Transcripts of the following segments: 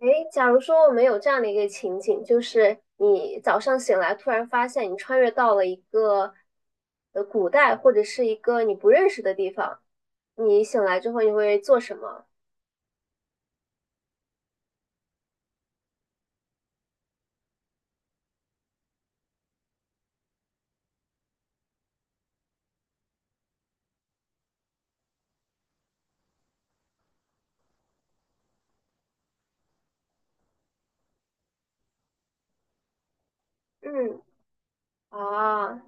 诶，假如说我们有这样的一个情景，就是你早上醒来，突然发现你穿越到了一个古代或者是一个你不认识的地方，你醒来之后你会做什么？嗯，啊，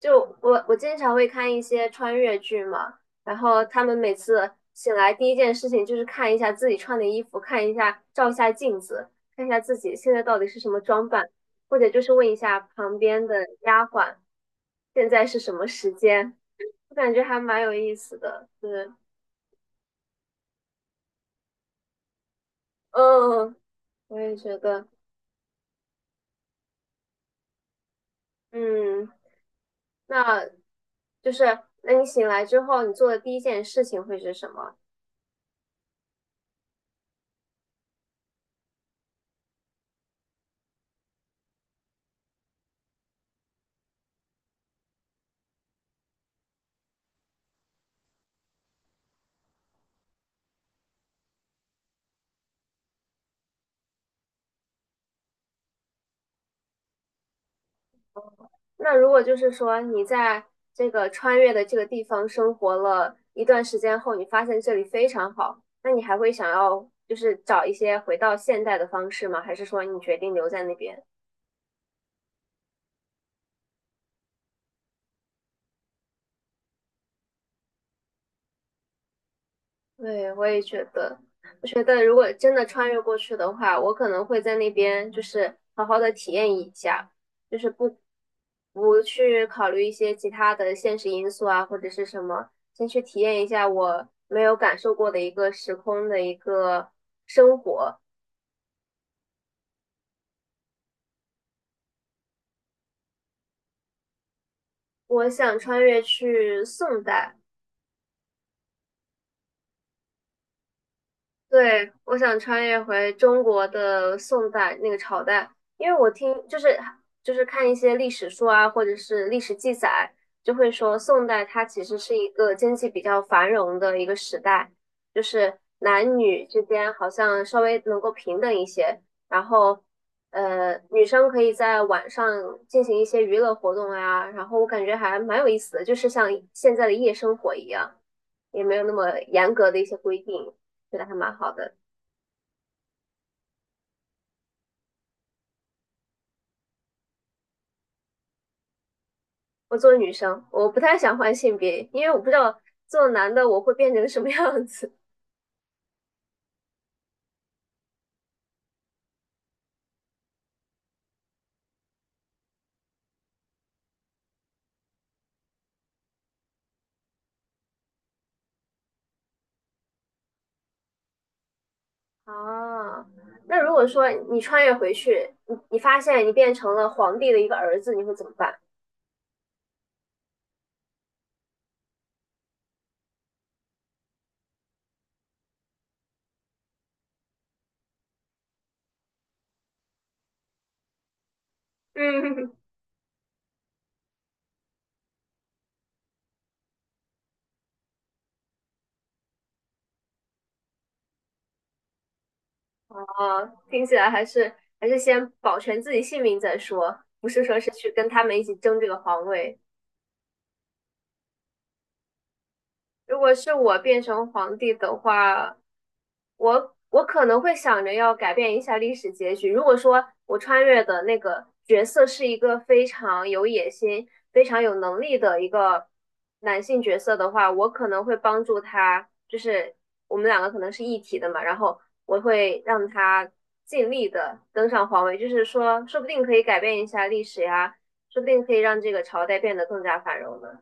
就我经常会看一些穿越剧嘛，然后他们每次醒来第一件事情就是看一下自己穿的衣服，看一下照一下镜子，看一下自己现在到底是什么装扮，或者就是问一下旁边的丫鬟现在是什么时间。我感觉还蛮有意思的，是，嗯，我也觉得，嗯，那就是，那你醒来之后，你做的第一件事情会是什么？那如果就是说你在这个穿越的这个地方生活了一段时间后，你发现这里非常好，那你还会想要就是找一些回到现代的方式吗？还是说你决定留在那边？对，我也觉得，我觉得如果真的穿越过去的话，我可能会在那边就是好好的体验一下，就是不去考虑一些其他的现实因素啊，或者是什么，先去体验一下我没有感受过的一个时空的一个生活。我想穿越去宋代。对，我想穿越回中国的宋代那个朝代，因为我听就是看一些历史书啊，或者是历史记载，就会说宋代它其实是一个经济比较繁荣的一个时代，就是男女之间好像稍微能够平等一些，然后女生可以在晚上进行一些娱乐活动啊，然后我感觉还蛮有意思的，就是像现在的夜生活一样，也没有那么严格的一些规定。觉得还蛮好的。我作为女生，我不太想换性别，因为我不知道做男的我会变成什么样子。啊，那如果说你穿越回去，你发现你变成了皇帝的一个儿子，你会怎么办？嗯，啊，听起来还是还是先保全自己性命再说，不是说是去跟他们一起争这个皇位。如果是我变成皇帝的话，我可能会想着要改变一下历史结局。如果说我穿越的那个角色是一个非常有野心、非常有能力的一个男性角色的话，我可能会帮助他，就是我们两个可能是一体的嘛，然后我会让他尽力的登上皇位，就是说，说不定可以改变一下历史呀，说不定可以让这个朝代变得更加繁荣呢。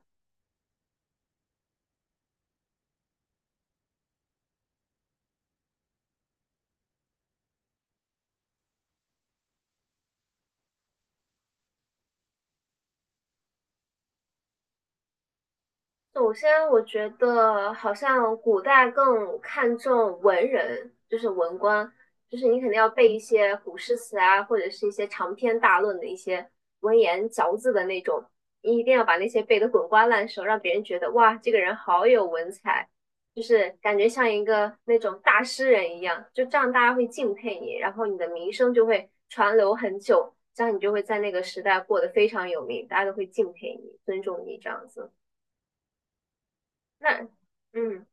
首先，我觉得好像古代更看重文人，就是文官，就是你肯定要背一些古诗词啊，或者是一些长篇大论的一些文言嚼字的那种，你一定要把那些背得滚瓜烂熟，让别人觉得哇，这个人好有文采，就是感觉像一个那种大诗人一样，就这样大家会敬佩你，然后你的名声就会传流很久，这样你就会在那个时代过得非常有名，大家都会敬佩你、尊重你这样子。那嗯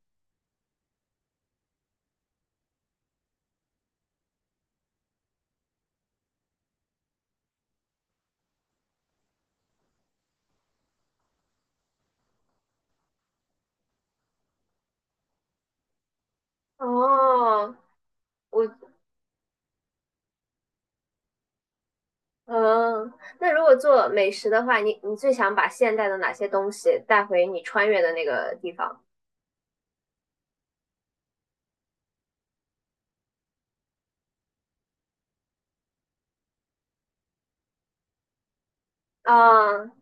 哦，我嗯，那如果做美食的话，你你最想把现代的哪些东西带回你穿越的那个地方？啊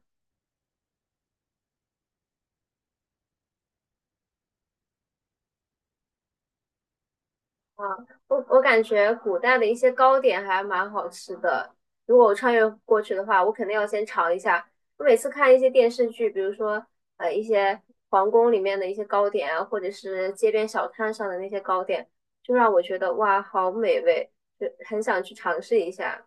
啊，我感觉古代的一些糕点还蛮好吃的。如果我穿越过去的话，我肯定要先尝一下。我每次看一些电视剧，比如说一些皇宫里面的一些糕点啊，或者是街边小摊上的那些糕点，就让我觉得哇，好美味，就很想去尝试一下。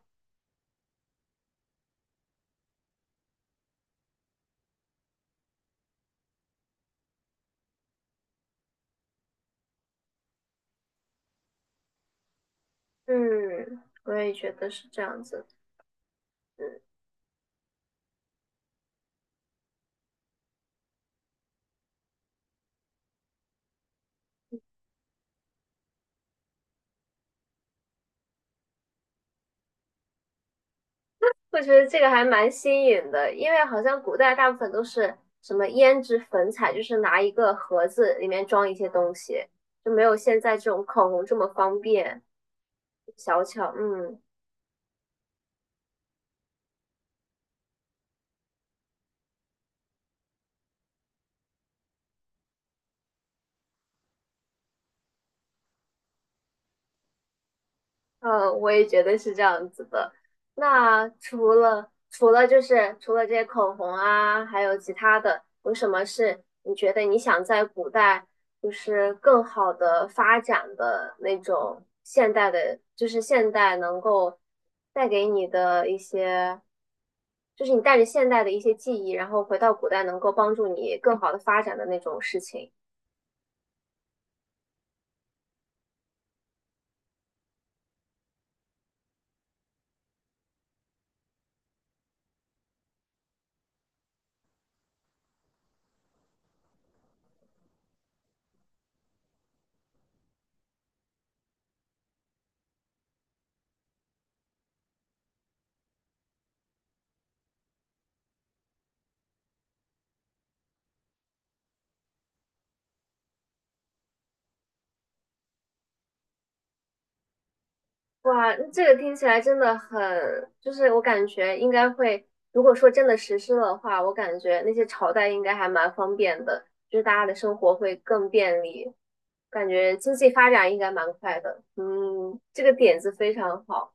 嗯，我也觉得是这样子。嗯，我觉得这个还蛮新颖的，因为好像古代大部分都是什么胭脂粉彩，就是拿一个盒子里面装一些东西，就没有现在这种口红这么方便小巧。嗯。嗯，我也觉得是这样子的。那除了这些口红啊，还有其他的，有什么是你觉得你想在古代就是更好的发展的那种现代的，就是现代能够带给你的一些，就是你带着现代的一些记忆，然后回到古代能够帮助你更好的发展的那种事情？哇，这个听起来真的很，就是我感觉应该会，如果说真的实施的话，我感觉那些朝代应该还蛮方便的，就是大家的生活会更便利，感觉经济发展应该蛮快的。嗯，这个点子非常好。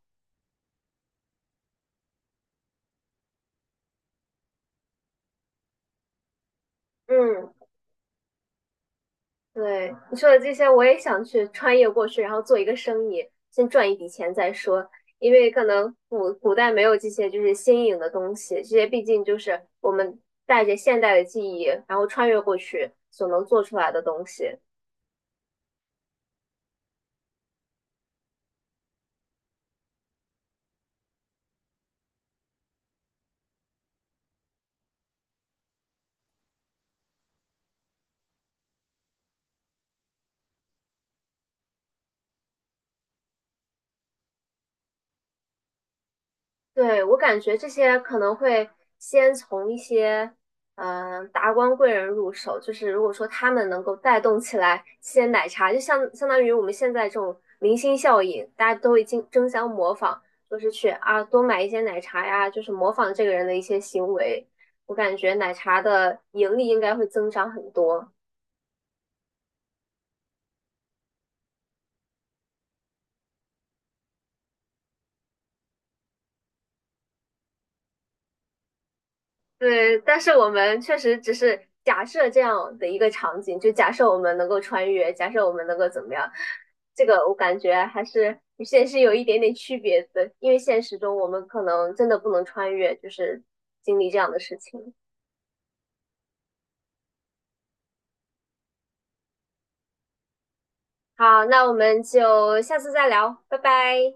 嗯，对，你说的这些，我也想去穿越过去，然后做一个生意，先赚一笔钱再说。因为可能古代没有这些就是新颖的东西，这些毕竟就是我们带着现代的记忆，然后穿越过去所能做出来的东西。对，我感觉这些可能会先从一些达官贵人入手，就是如果说他们能够带动起来些奶茶，就相当于我们现在这种明星效应，大家都已经争相模仿，就是去啊多买一些奶茶呀，就是模仿这个人的一些行为。我感觉奶茶的盈利应该会增长很多。对，但是我们确实只是假设这样的一个场景，就假设我们能够穿越，假设我们能够怎么样，这个我感觉还是与现实有一点点区别的，因为现实中我们可能真的不能穿越，就是经历这样的事情。好，那我们就下次再聊，拜拜。